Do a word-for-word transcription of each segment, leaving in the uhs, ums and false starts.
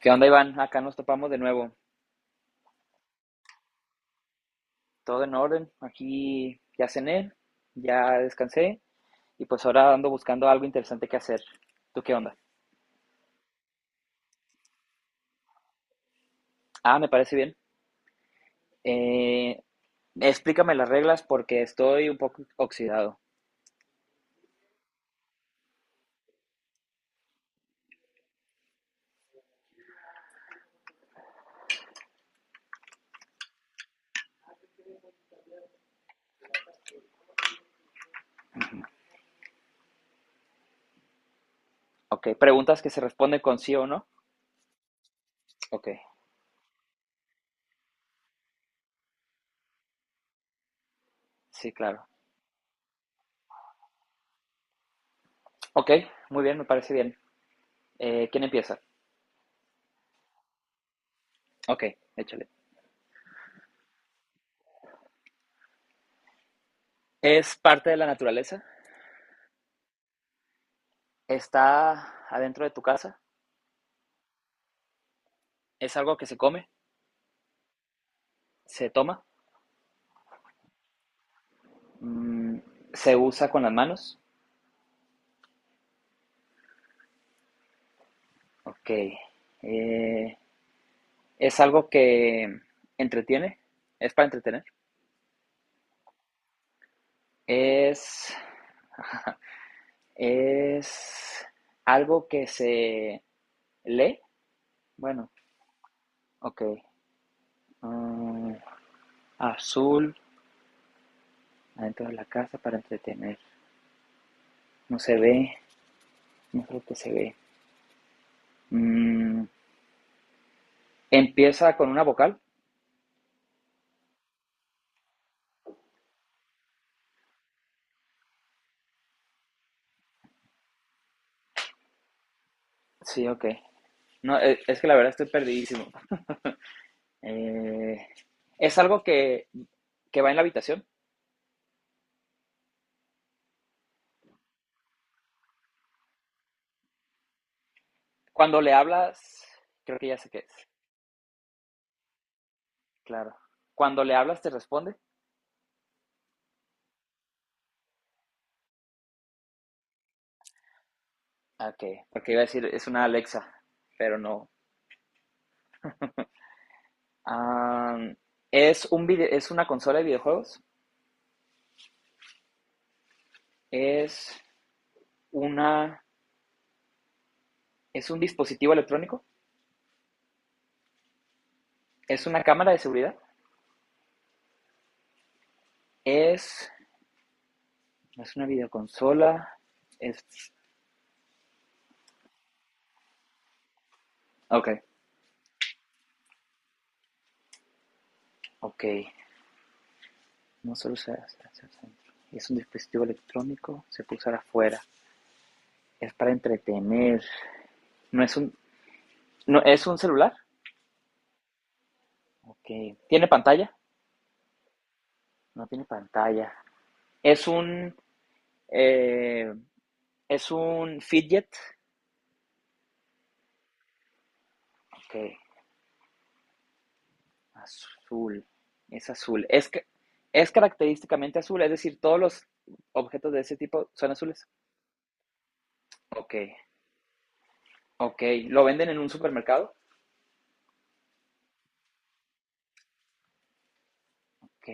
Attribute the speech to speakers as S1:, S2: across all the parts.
S1: ¿Qué onda, Iván? Acá nos topamos de nuevo. Todo en orden. Aquí ya cené, ya descansé y pues ahora ando buscando algo interesante que hacer. ¿Tú qué onda? Ah, me parece bien. Eh, Explícame las reglas porque estoy un poco oxidado. Ok, preguntas que se responden con sí o no. Ok, sí, claro. Ok, muy bien, me parece bien. Eh, ¿quién empieza? Ok, échale. ¿Es parte de la naturaleza? ¿Está adentro de tu casa? ¿Es algo que se come? ¿Se toma? Mm. ¿Se usa con las manos? Ok. Eh, ¿Es algo que entretiene? ¿Es para entretener? ¿Es, ¿es algo que se lee? Bueno, ok. Mm, azul, adentro de la casa para entretener. No se ve, no es algo que se ve. Mm, ¿empieza con una vocal? Sí, ok. No, eh, es que la verdad estoy perdidísimo. Eh, es algo que, que va en la habitación. Cuando le hablas, creo que ya sé qué es, claro. Cuando le hablas, ¿te responde? Ok, porque iba a decir, es una Alexa, pero no. Am, es un video, es una consola de videojuegos, es una, es un dispositivo electrónico, es una cámara de seguridad, es, no es una videoconsola, es, ok, ok, no solo se hace. Es un dispositivo electrónico, se puede usar afuera. Es para entretener. No es un, no, es un celular. Okay. ¿Tiene pantalla? No tiene pantalla. Es un, eh, es un fidget. Ok. Azul. Es azul. Es, es característicamente azul. Es decir, todos los objetos de ese tipo son azules. Ok. Ok. ¿Lo venden en un supermercado? Ok.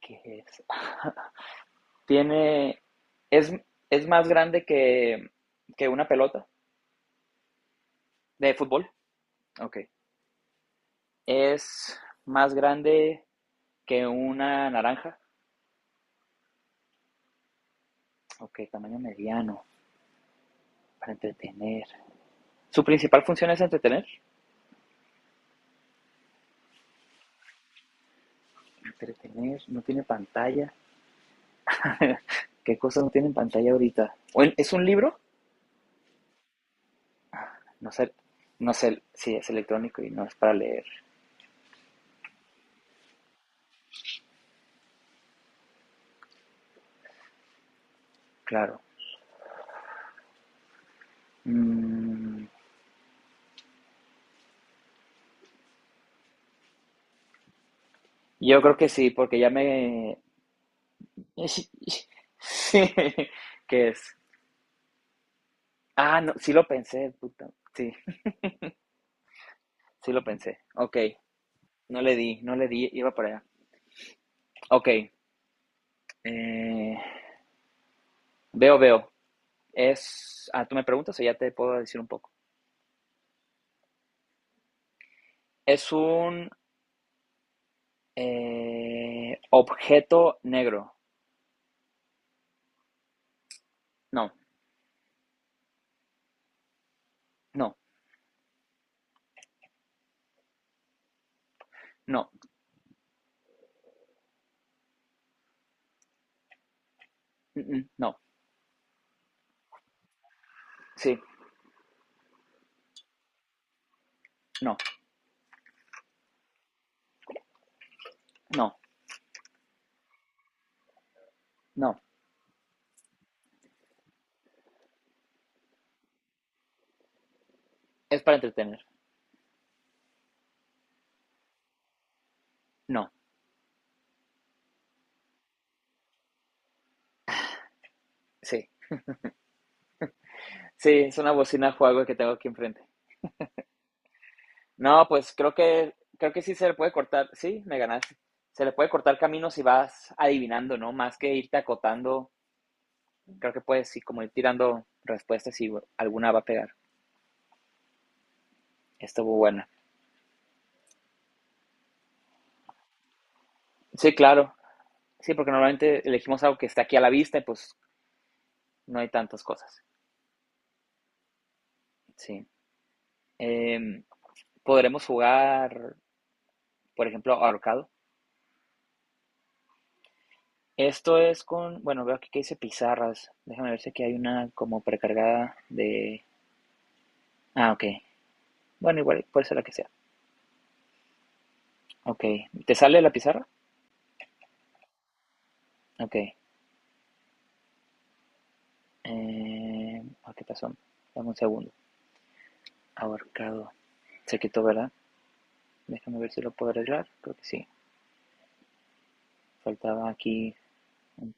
S1: ¿Qué es? tiene. Es, es más grande que, que una pelota de fútbol. Ok. Es más grande que una naranja. Ok, tamaño mediano para entretener. Su principal función es entretener. Entretener, no tiene pantalla. ¿Qué cosas no tienen pantalla ahorita? ¿Es un libro? No sé, no sé si sí, es electrónico y no es para leer, claro. Mm, yo creo que sí, porque ya me... Sí, ¿qué es? Ah, no, sí lo pensé, puta. Sí, sí lo pensé. Ok, no le di, no le di, iba para allá. Ok, eh, veo, veo. Es, ah, tú me preguntas o ya te puedo decir un poco. Es un eh, objeto negro. No, no, no, mm, mm, no, sí, no, no, no. Es para entretener. No, sí, sí, es una bocina juego que tengo aquí enfrente. No, pues creo que, creo que sí se le puede cortar. Sí, me ganaste. Se le puede cortar camino si vas adivinando, ¿no? Más que irte acotando, creo que puedes ir como ir tirando respuestas y alguna va a pegar. Estuvo buena. Sí, claro. Sí, porque normalmente elegimos algo que está aquí a la vista y pues no hay tantas cosas. Sí. Eh, Podremos jugar, por ejemplo, ahorcado. Esto es con, bueno, veo aquí que dice pizarras. Déjame ver si aquí hay una como precargada de... Ah, ok. Bueno, igual puede ser la que sea. Ok. ¿Te sale la pizarra? Ok. Eh, ah, ¿Qué pasó? Dame un segundo. Ahorcado. Se quitó, ¿verdad? Déjame ver si lo puedo arreglar. Creo que sí. Faltaba aquí un.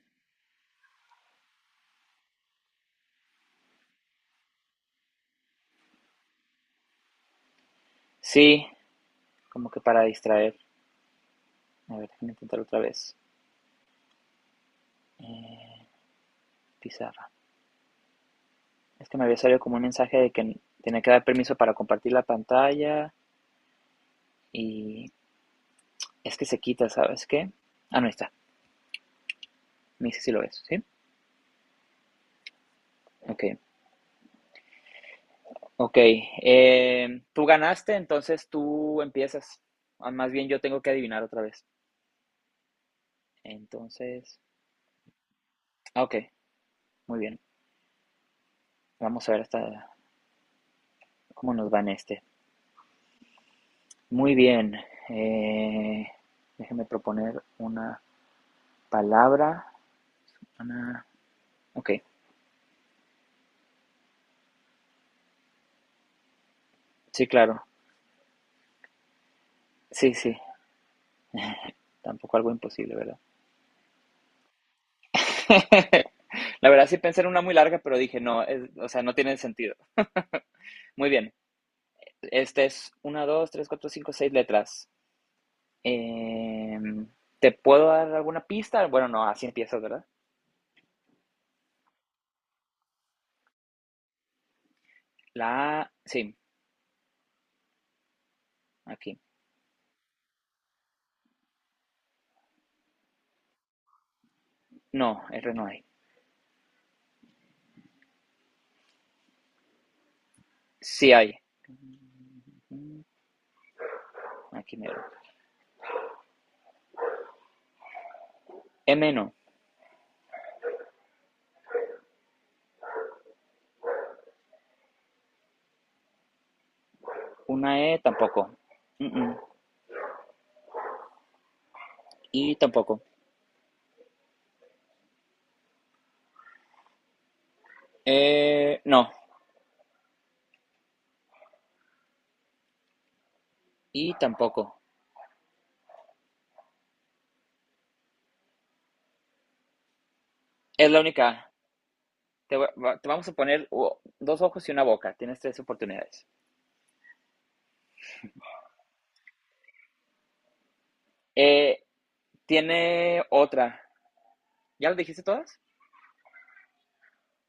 S1: Sí, como que para distraer. A ver, déjame intentar otra vez. Eh, pizarra. Es que me había salido como un mensaje de que tenía que dar permiso para compartir la pantalla y es que se quita, ¿sabes qué? Ah, no, ahí está. Me dice si lo ves, ¿sí? Ok. Ok, eh, tú ganaste, entonces tú empiezas. Ah, más bien yo tengo que adivinar otra vez. Entonces, ah, ok, muy bien. Vamos a ver hasta cómo nos va en este. Muy bien. eh, déjeme proponer una palabra. ah, ok, sí, claro. Sí, sí. Tampoco algo imposible, ¿verdad? La verdad sí pensé en una muy larga, pero dije, no, es- o sea, no tiene sentido. Muy bien. Este es una, dos, tres, cuatro, cinco, seis letras. Em, ¿te puedo dar alguna pista? Bueno, no, así empiezas, ¿verdad? La A, sí, aquí. No, R no hay. Sí hay. Mm, aquí mero. M no. Una E tampoco. Mm, mm. Y tampoco. Eh, no. Y tampoco. Es la única. Te, va- te vamos a poner u- dos ojos y una boca. Tienes tres oportunidades. Eh, tiene otra. ¿Ya la dijiste todas?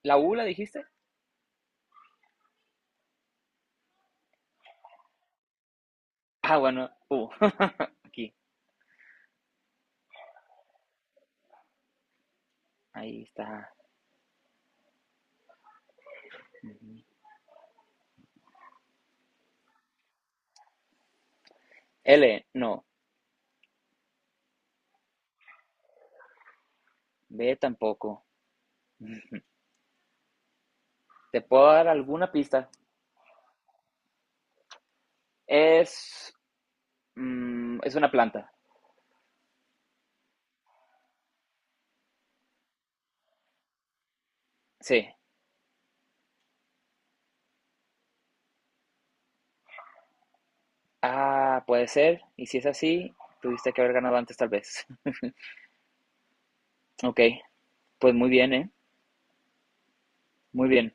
S1: ¿La U la dijiste? Ah, bueno, U. Aquí. Ahí está. L, no. B tampoco. ¿Te puedo dar alguna pista? Es, mm, es una planta. Sí. Ah, puede ser. Y si es así, tuviste que haber ganado antes tal vez. Ok, pues muy bien, ¿eh? Muy bien.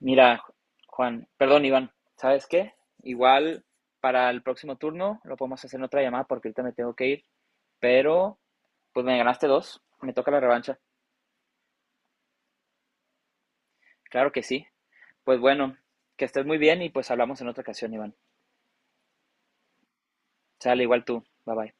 S1: Mira, Juan, perdón, Iván, ¿sabes qué? Igual para el próximo turno lo podemos hacer en otra llamada porque ahorita me tengo que ir, pero pues me ganaste dos, me toca la revancha. Claro que sí. Pues bueno, que estés muy bien y pues hablamos en otra ocasión, Iván. Sale, igual tú. Bye bye.